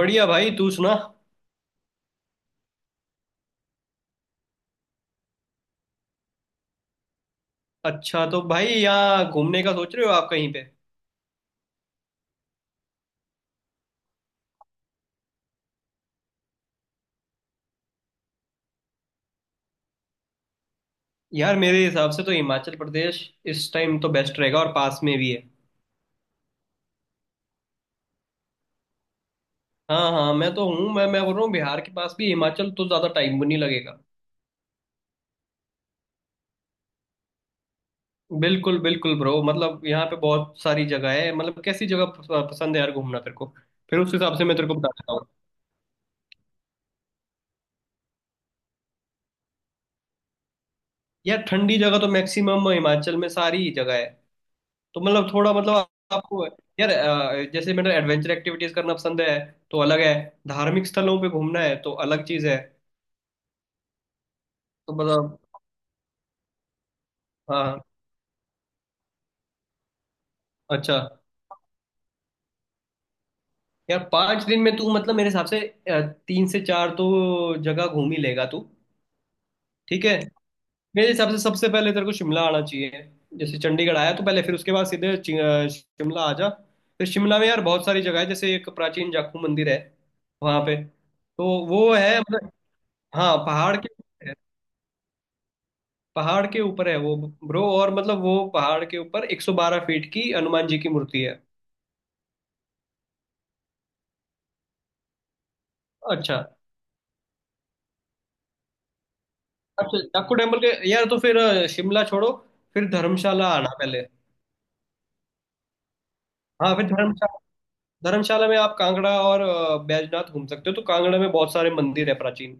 बढ़िया भाई। तू सुना। अच्छा, तो भाई यहाँ घूमने का सोच रहे हो आप कहीं पे। यार मेरे हिसाब से तो हिमाचल प्रदेश इस टाइम तो बेस्ट रहेगा और पास में भी है। हाँ हाँ, मैं तो हूँ। मैं बोल रहा हूँ बिहार के पास भी हिमाचल, तो ज़्यादा टाइम भी नहीं लगेगा। बिल्कुल बिल्कुल ब्रो, मतलब यहाँ पे बहुत सारी जगह है। मतलब कैसी जगह पसंद है यार घूमना तेरे को। फिर उस हिसाब से मैं तेरे को बता देता हूँ। यार ठंडी जगह तो मैक्सिमम हिमाचल में सारी ही जगह है। तो मतलब थोड़ा मतलब आपको यार, जैसे मैंने एडवेंचर एक्टिविटीज करना पसंद है तो अलग है। धार्मिक स्थलों पे घूमना है तो अलग चीज है। तो मतलब हाँ अच्छा। यार 5 दिन में तू मतलब मेरे हिसाब से अ, तीन से चार तो जगह घूम ही लेगा तू। ठीक है। मेरे हिसाब से सबसे पहले तेरे को शिमला आना चाहिए। जैसे चंडीगढ़ आया तो पहले, फिर उसके बाद सीधे शिमला आ जा। फिर शिमला में यार बहुत सारी जगह है। जैसे एक प्राचीन जाखू मंदिर है। वहां पे तो वो है मतलब। हाँ, पहाड़ के ऊपर है वो ब्रो। और मतलब वो पहाड़ के ऊपर 112 फीट की हनुमान जी की मूर्ति है। अच्छा अच्छा, डाकू टेम्पल के यार, तो फिर शिमला छोड़ो। फिर धर्मशाला आना पहले। हाँ, फिर धर्मशाला। धर्मशाला में आप कांगड़ा और बैजनाथ घूम सकते हो। तो कांगड़ा में बहुत सारे मंदिर है प्राचीन,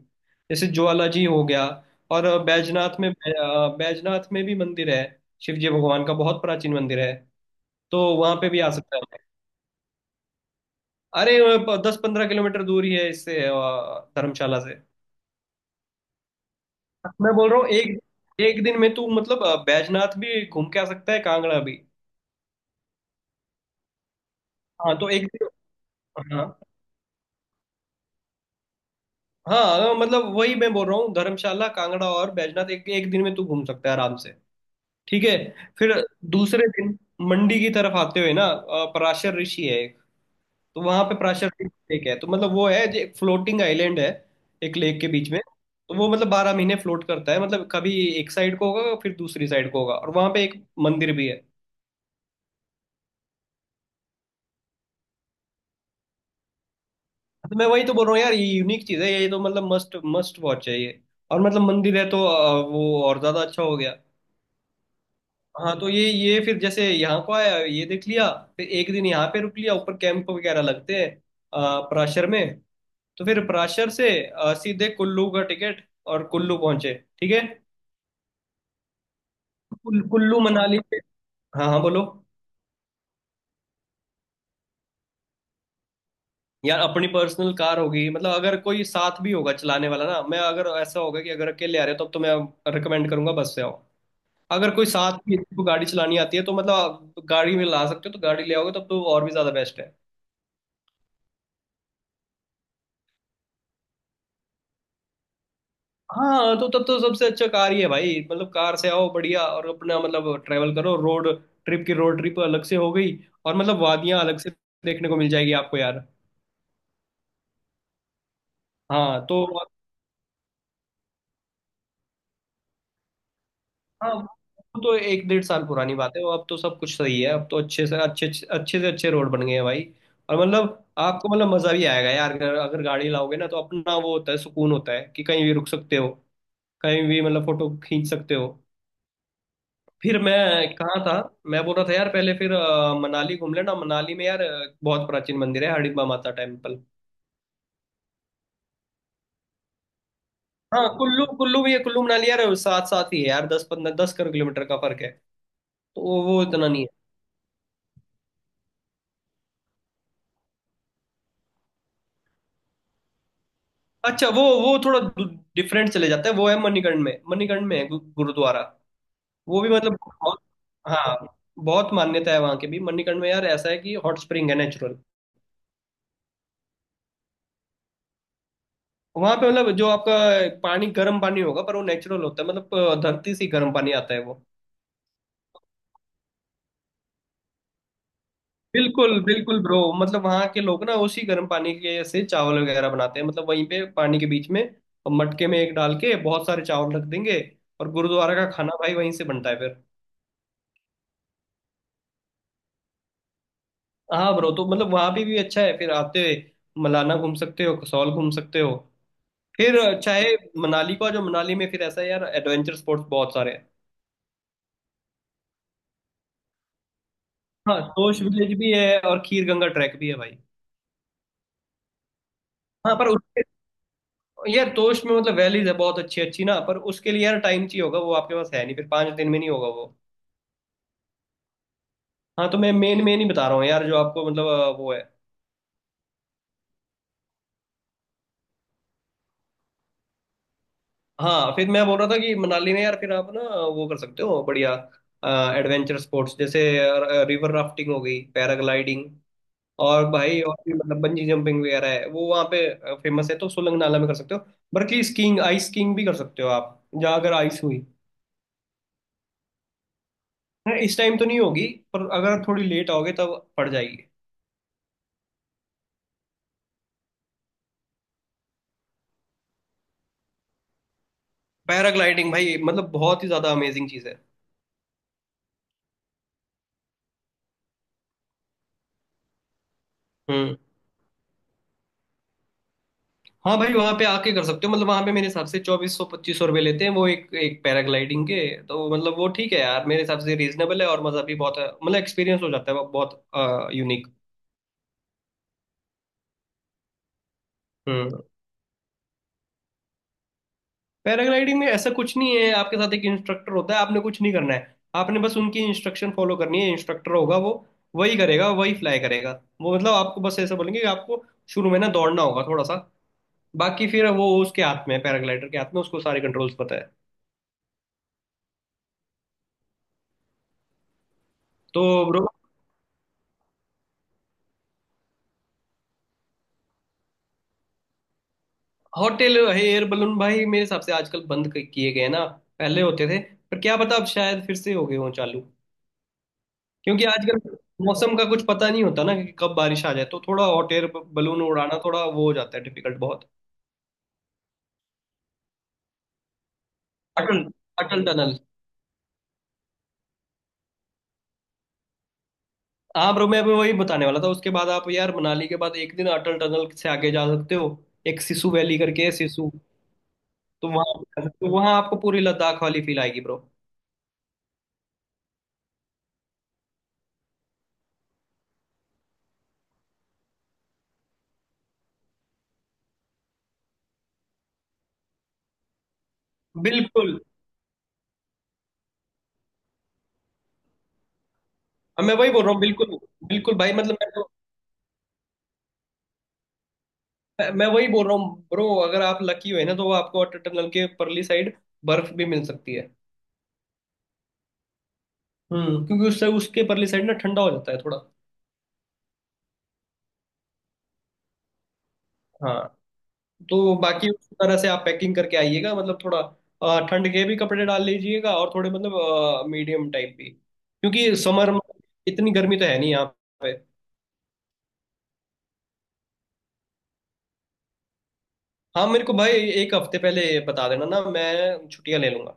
जैसे ज्वाला जी हो गया। और बैजनाथ में भी मंदिर है। शिव जी भगवान का बहुत प्राचीन मंदिर है। तो वहां पे भी आ सकते हैं। अरे, 10-15 किलोमीटर दूर ही है इससे, धर्मशाला से। मैं बोल रहा हूँ एक एक दिन में तू मतलब बैजनाथ भी घूम के आ सकता है, कांगड़ा भी। हाँ तो एक दिन। हाँ हाँ, मतलब वही मैं बोल रहा हूँ। धर्मशाला, कांगड़ा और बैजनाथ एक एक दिन में तू घूम सकता है आराम से। ठीक है। फिर दूसरे दिन मंडी की तरफ आते हुए ना, पराशर ऋषि है एक। तो वहां पे पराशर ऋषि लेक है। तो मतलब वो है, जो एक फ्लोटिंग आइलैंड है, एक लेक के बीच में। तो वो मतलब बारह महीने फ्लोट करता है, मतलब कभी एक साइड को होगा, फिर दूसरी साइड को होगा। और वहां पे एक मंदिर भी है। तो मैं वही तो बोल रहा हूँ यार, ये यूनिक चीज है ये, तो मतलब मस्ट मस्ट वॉच है ये। और मतलब मंदिर है तो वो और ज्यादा अच्छा हो गया। हाँ तो ये फिर जैसे यहाँ को आया ये देख लिया। फिर एक दिन यहाँ पे रुक लिया, ऊपर कैंप वगैरह लगते हैं पराशर में। तो फिर पराशर से सीधे कुल्लू का टिकट और कुल्लू पहुंचे। ठीक है। कुल्लू मनाली से। हाँ हाँ, बोलो। यार अपनी पर्सनल कार होगी मतलब अगर कोई साथ भी होगा चलाने वाला ना, मैं अगर ऐसा होगा कि अगर अकेले आ रहे हो, तब तो मैं रिकमेंड करूंगा, बस से आओ। अगर कोई साथ में किसी को गाड़ी चलानी आती है, तो मतलब आप गाड़ी में ला सकते हो, तो गाड़ी ले आओगे तब तो और भी ज्यादा बेस्ट है। हाँ तो तब तो सबसे अच्छा कार ही है भाई। मतलब कार से आओ बढ़िया, और अपना मतलब ट्रैवल करो रोड ट्रिप की। रोड ट्रिप अलग से हो गई और मतलब वादियां अलग से देखने को मिल जाएगी आपको यार। हाँ तो हाँ, वो तो एक डेढ़ साल पुरानी बात है। वो अब तो सब कुछ सही है। अब तो अच्छे से अच्छे रोड बन गए हैं भाई। और मतलब आपको मतलब मजा भी आएगा यार, अगर अगर गाड़ी लाओगे ना, तो अपना वो होता है, सुकून होता है कि कहीं भी रुक सकते हो, कहीं भी मतलब फोटो खींच सकते हो। फिर मैं कहाँ था। मैं बोल रहा था यार पहले, फिर मनाली घूम लेना। मनाली में यार बहुत प्राचीन मंदिर है हडिम्बा माता टेम्पल। हाँ, कुल्लू, कुल्लू भी है। कुल्लू मनाली यार साथ साथ ही है यार, दस पंद्रह दस कर किलोमीटर का फर्क है। तो वो इतना नहीं है। अच्छा, वो थोड़ा डिफरेंट चले जाता है। वो है मणिकर्ण में। मणिकर्ण में है गुरुद्वारा। वो भी मतलब बहुत। हाँ, बहुत मान्यता है वहाँ की भी। मणिकर्ण में यार ऐसा है कि हॉट स्प्रिंग है नेचुरल। वहां पे मतलब जो आपका पानी, गर्म पानी होगा, पर वो नेचुरल होता है। मतलब धरती से ही गर्म पानी आता है वो। बिल्कुल बिल्कुल ब्रो, मतलब वहां के लोग ना उसी गर्म पानी के से चावल वगैरह बनाते हैं। मतलब वहीं पे पानी के बीच में मटके में एक डाल के बहुत सारे चावल रख देंगे। और गुरुद्वारा का खाना भाई वहीं से बनता है फिर। हाँ ब्रो, तो मतलब वहां भी अच्छा है। फिर आते मलाना घूम सकते हो, कसौल घूम सकते हो। फिर चाहे मनाली को आ जाओ। मनाली में फिर ऐसा है यार, एडवेंचर स्पोर्ट्स बहुत सारे हैं। हाँ, तोश विलेज भी है और खीर गंगा ट्रैक भी है भाई। हाँ पर उस यार टोस्ट में मतलब वैलीज है बहुत अच्छी अच्छी ना। पर उसके लिए यार टाइम चाहिए होगा, वो आपके पास है नहीं, फिर 5 दिन में नहीं होगा वो। हाँ तो मैं मेन मेन ही बता रहा हूँ यार जो आपको मतलब वो है। हाँ फिर मैं बोल रहा था कि मनाली में यार, फिर आप ना वो कर सकते हो बढ़िया एडवेंचर स्पोर्ट्स, जैसे रिवर राफ्टिंग हो गई, पैराग्लाइडिंग। और भाई और भी मतलब बंजी जंपिंग वगैरह है, वो वहाँ पे फेमस है, तो सोलंग नाला में कर सकते हो। बल्कि स्कीइंग, आइस स्कीइंग भी कर सकते हो आप, जहाँ अगर आइस हुई। हाँ, इस टाइम तो नहीं होगी। पर अगर थोड़ी लेट आओगे तब पड़ जाएगी। पैराग्लाइडिंग भाई मतलब बहुत ही ज्यादा अमेजिंग चीज है। हम्म। हाँ भाई, वहां पे आके कर सकते हो। मतलब वहां पे मेरे हिसाब से 2400-2500 रुपये लेते हैं वो, एक एक पैराग्लाइडिंग के। तो मतलब वो ठीक है यार, मेरे हिसाब से रीजनेबल है और मजा भी बहुत है। मतलब एक्सपीरियंस हो जाता है वो बहुत यूनिक। हम्म। पैराग्लाइडिंग में ऐसा कुछ नहीं है। आपके साथ एक इंस्ट्रक्टर होता है। आपने कुछ नहीं करना है, आपने बस उनकी इंस्ट्रक्शन फॉलो करनी है। इंस्ट्रक्टर होगा वो, वही करेगा, वही फ्लाई करेगा। वो मतलब आपको बस ऐसा बोलेंगे कि आपको शुरू में ना दौड़ना होगा थोड़ा सा। बाकी फिर वो उसके हाथ में है, पैराग्लाइडर के हाथ में, उसको सारे कंट्रोल्स पता है। तो ब्रो, होटल एयर बलून भाई मेरे हिसाब से आजकल बंद किए गए हैं ना। पहले होते थे, पर क्या पता अब शायद फिर से हो गए हों चालू। क्योंकि आजकल मौसम का कुछ पता नहीं होता ना कि कब बारिश आ जाए, तो थोड़ा हॉट एयर बलून उड़ाना थोड़ा वो हो जाता है डिफिकल्ट बहुत। अटल अटल टनल। हाँ ब्रो, मैं भी वही बताने वाला था। उसके बाद आप यार मनाली के बाद एक दिन अटल टनल से आगे जा सकते हो। एक सिसु वैली करके है, सिसु। तो वहाँ तो वहाँ आपको पूरी लद्दाख वाली फील आएगी ब्रो। बिल्कुल। हाँ, मैं वही बोल रहा हूँ बिल्कुल। बिल्कुल भाई, मतलब मैं तो। मैं वही बोल रहा हूँ ब्रो। अगर आप लकी हुए ना तो आपको अटल टनल के परली साइड बर्फ भी मिल सकती है। हम्म। क्योंकि उससे, उसके परली साइड ना ठंडा हो जाता है थोड़ा। हाँ तो बाकी उस तरह से आप पैकिंग करके आइएगा। मतलब थोड़ा ठंड के भी कपड़े डाल लीजिएगा, और थोड़े मतलब मीडियम टाइप भी, क्योंकि समर में इतनी गर्मी तो है नहीं यहाँ पे। हाँ मेरे को भाई एक हफ्ते पहले बता देना ना, मैं छुट्टियाँ ले लूंगा।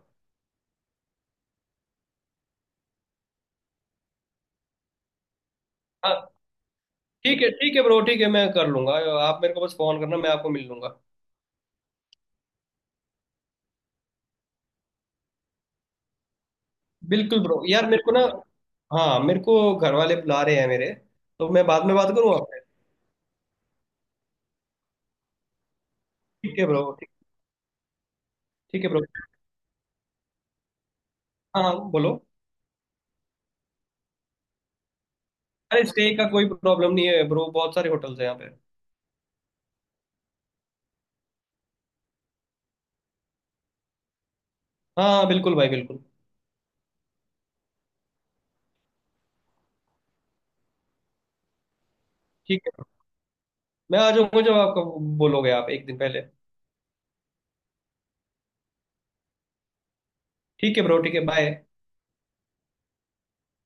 हाँ, ठीक है ब्रो, ठीक है मैं कर लूंगा। आप मेरे को बस फोन करना, मैं आपको मिल लूंगा। बिल्कुल ब्रो, यार मेरे को ना, हाँ मेरे को घर वाले बुला रहे हैं मेरे। तो मैं बाद में बात करूँ आपसे। ठीक है ब्रो, ठीक। ठीक है ब्रो। हाँ हाँ, बोलो। अरे, स्टे का कोई प्रॉब्लम नहीं है ब्रो, बहुत सारे होटल्स हैं यहाँ पे। हाँ हाँ, बिल्कुल भाई बिल्कुल। ठीक है, मैं आ जाऊंगा जब आपको बोलोगे आप, एक दिन पहले। ठीक है ब्रो, ठीक है बाय।